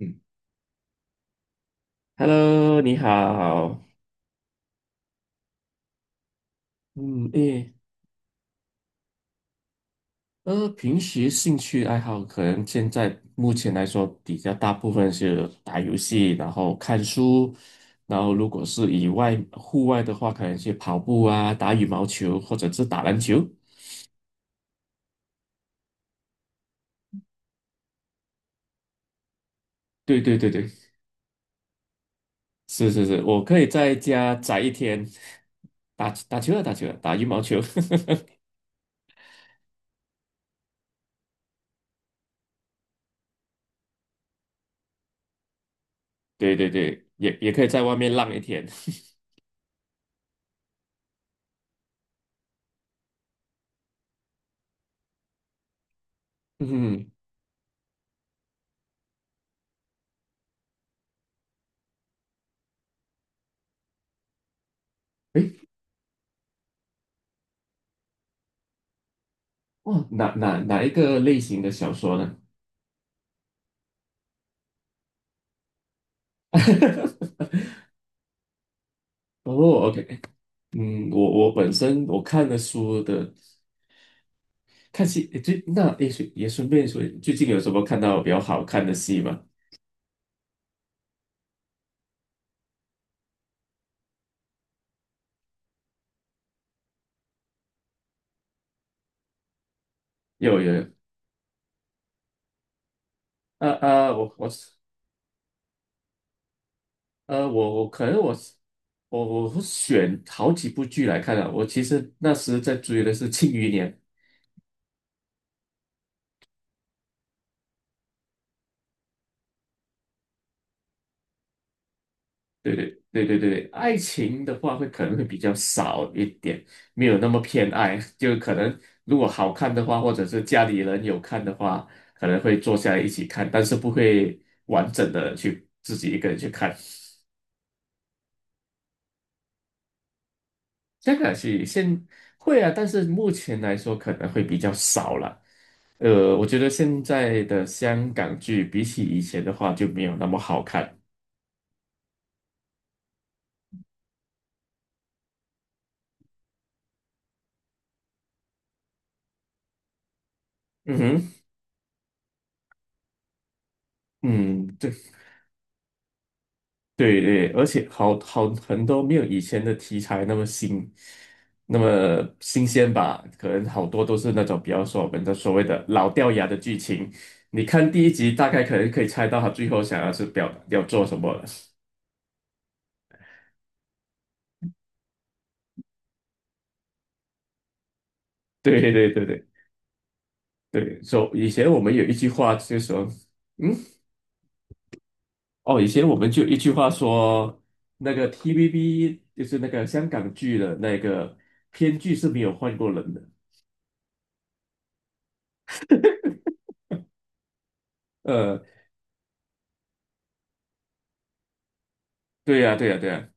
嗯， Hello，你好。嗯，诶，平时兴趣爱好可能现在目前来说比较大部分是打游戏，然后看书，然后如果是以外户外的话，可能去跑步啊，打羽毛球或者是打篮球。对对对对，是是是，我可以在家宅一天，打打球啊，打球啊，打羽毛球。对对对，也可以在外面浪一天。嗯，诶，哇，哪一个类型的小说呢？哦，OK,嗯，我本身我看了书的看戏，诶最那诶，顺也顺便说，最近有什么看到比较好看的戏吗？有有，呃呃，我我是呃我我可能我是我我会选好几部剧来看啊。我其实那时在追的是《庆余年》，对对对对对，对，爱情的话会可能会比较少一点，没有那么偏爱，就可能如果好看的话，或者是家里人有看的话，可能会坐下来一起看，但是不会完整的去自己一个人去看。这个是现会啊，但是目前来说可能会比较少了。我觉得现在的香港剧比起以前的话就没有那么好看。嗯哼，嗯，对。对对，而且很多没有以前的题材那么新，那么新鲜吧？可能好多都是那种比较说我们的所谓的老掉牙的剧情。你看第一集，大概可能可以猜到他最后想要是表要做什么了。对对对对对以前我们有一句话就说，嗯，哦，以前我们就有一句话说，那个 TVB 就是那个香港剧的那个编剧是没有换过人的。呃，对呀对呀对呀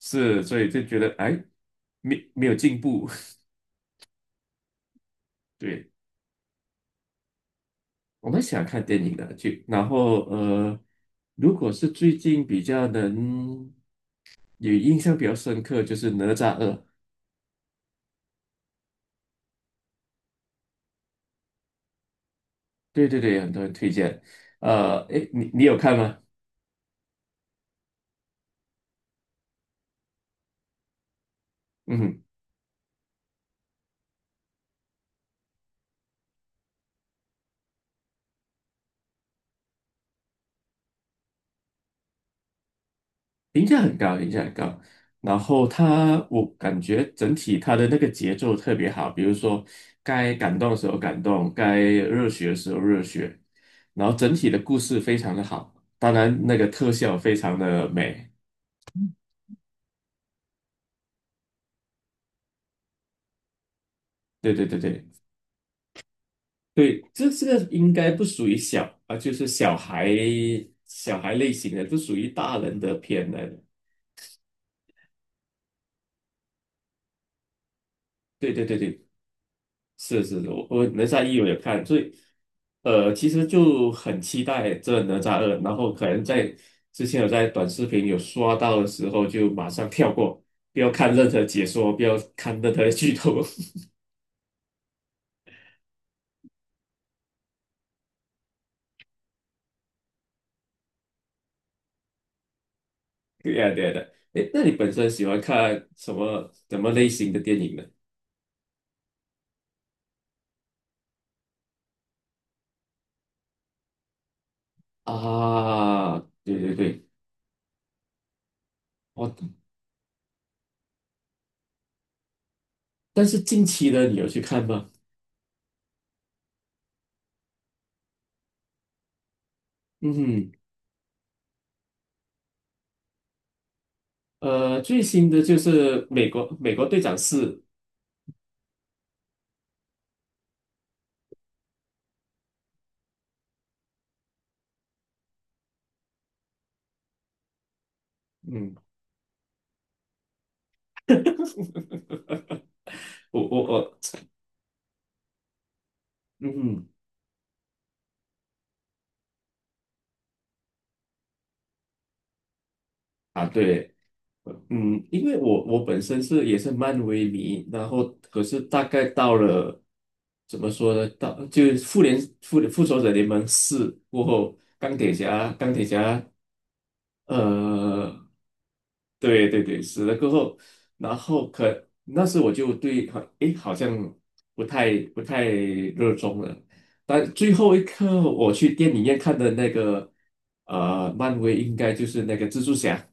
是，所以就觉得哎，没有进步。对，我们欢看电影的，就然后如果是最近比较能有印象比较深刻，就是《哪吒二》。对对对，很多人推荐。哎，你有看吗？嗯，评价很高，评价很高。然后他，我感觉整体他的那个节奏特别好，比如说该感动的时候感动，该热血的时候热血，然后整体的故事非常的好，当然那个特效非常的美。对对对对对，这个应该不属于小啊，就是小孩类型的，不属于大人的片来的。对对对对，是是，是我哪吒一我也看，所以其实就很期待这哪吒二，然后可能在之前有在短视频有刷到的时候，就马上跳过，不要看任何解说，不要看任何剧透。对呀，对呀的。诶，那你本身喜欢看什么什么类型的电影呢？啊，对对对，哦，但是近期的你有去看吗？嗯，最新的就是美国队长四，嗯，我我我，嗯。啊，对，嗯，因为我本身是也是漫威迷，然后可是大概到了怎么说呢？到就是复仇者联盟四过后，钢铁侠，呃，对对对，死了过后，然后可那时我就对好，诶，好像不太热衷了。但最后一刻我去电影院看的那个，漫威应该就是那个蜘蛛侠，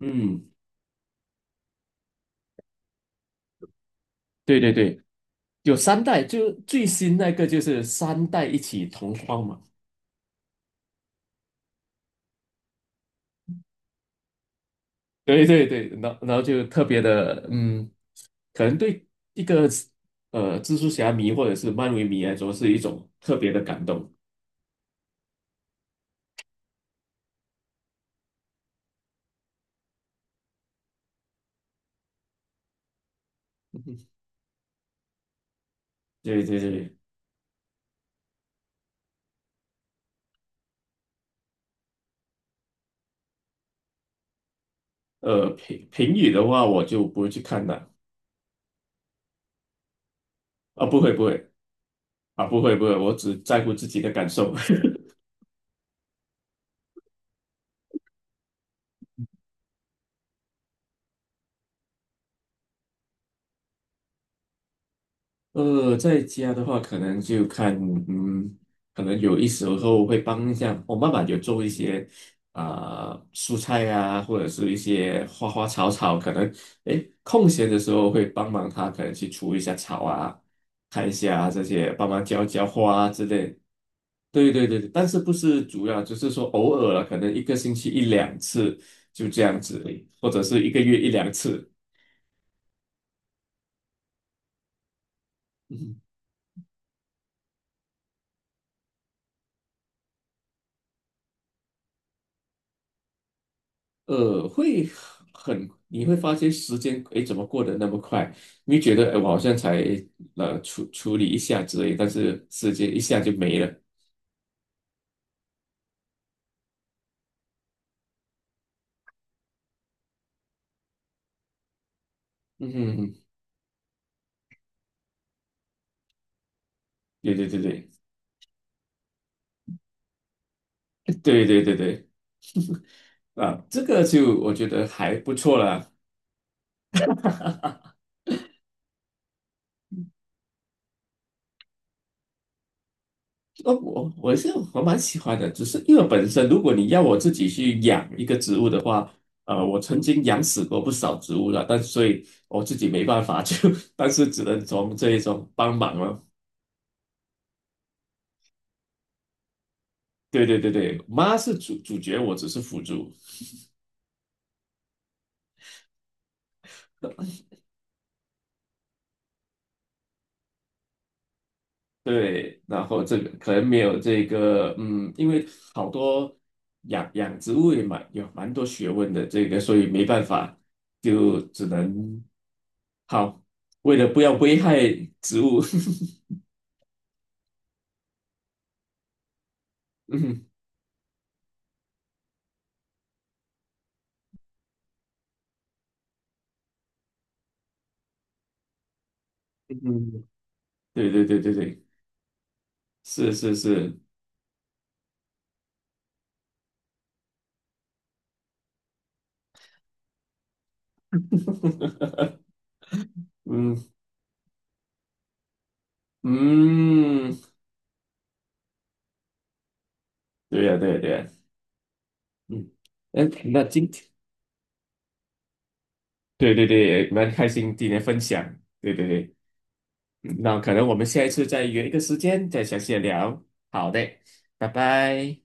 嗯。对对对，有三代，就最新那个就是三代一起同框嘛。对对对，然后就特别的，嗯，可能对一个蜘蛛侠迷或者是漫威迷来说是一种特别的感动。对对对，评语的话我就不会去看了啊，不会不会啊，不会不会，我只在乎自己的感受。在家的话，可能就看，嗯，可能有一时候会帮一下我妈妈，有做一些啊、蔬菜啊，或者是一些花花草草，可能诶空闲的时候会帮忙她，可能去除一下草啊，看一下这些，帮忙浇浇花啊之类。对对对，对但是不是主要，就是说偶尔了，可能一个星期一两次就这样子而已或者是一个月一两次。呃，会你会发现时间，诶，怎么过得那么快？你会觉得，诶，我好像才处理一下之类，但是时间一下就没了。嗯哼哼，对对对对 对对对对，啊，这个就我觉得还不错啦。哦，我蛮喜欢的，只是因为本身如果你要我自己去养一个植物的话，我曾经养死过不少植物了，但所以我自己没办法，就 但是只能从这一种帮忙了。对对对对，妈是主角，我只是辅助。对，然后这个可能没有这个，嗯，因为好多养养植物也蛮多学问的，这个所以没办法，就只能好，为了不要危害植物，嗯嗯，对对对对对，是是是，嗯嗯，对呀、对呀、对呀、嗯，那那今天，对对对，蛮开心今天分享，对对对。嗯，那可能我们下一次再约一个时间再详细的聊。好的，拜拜。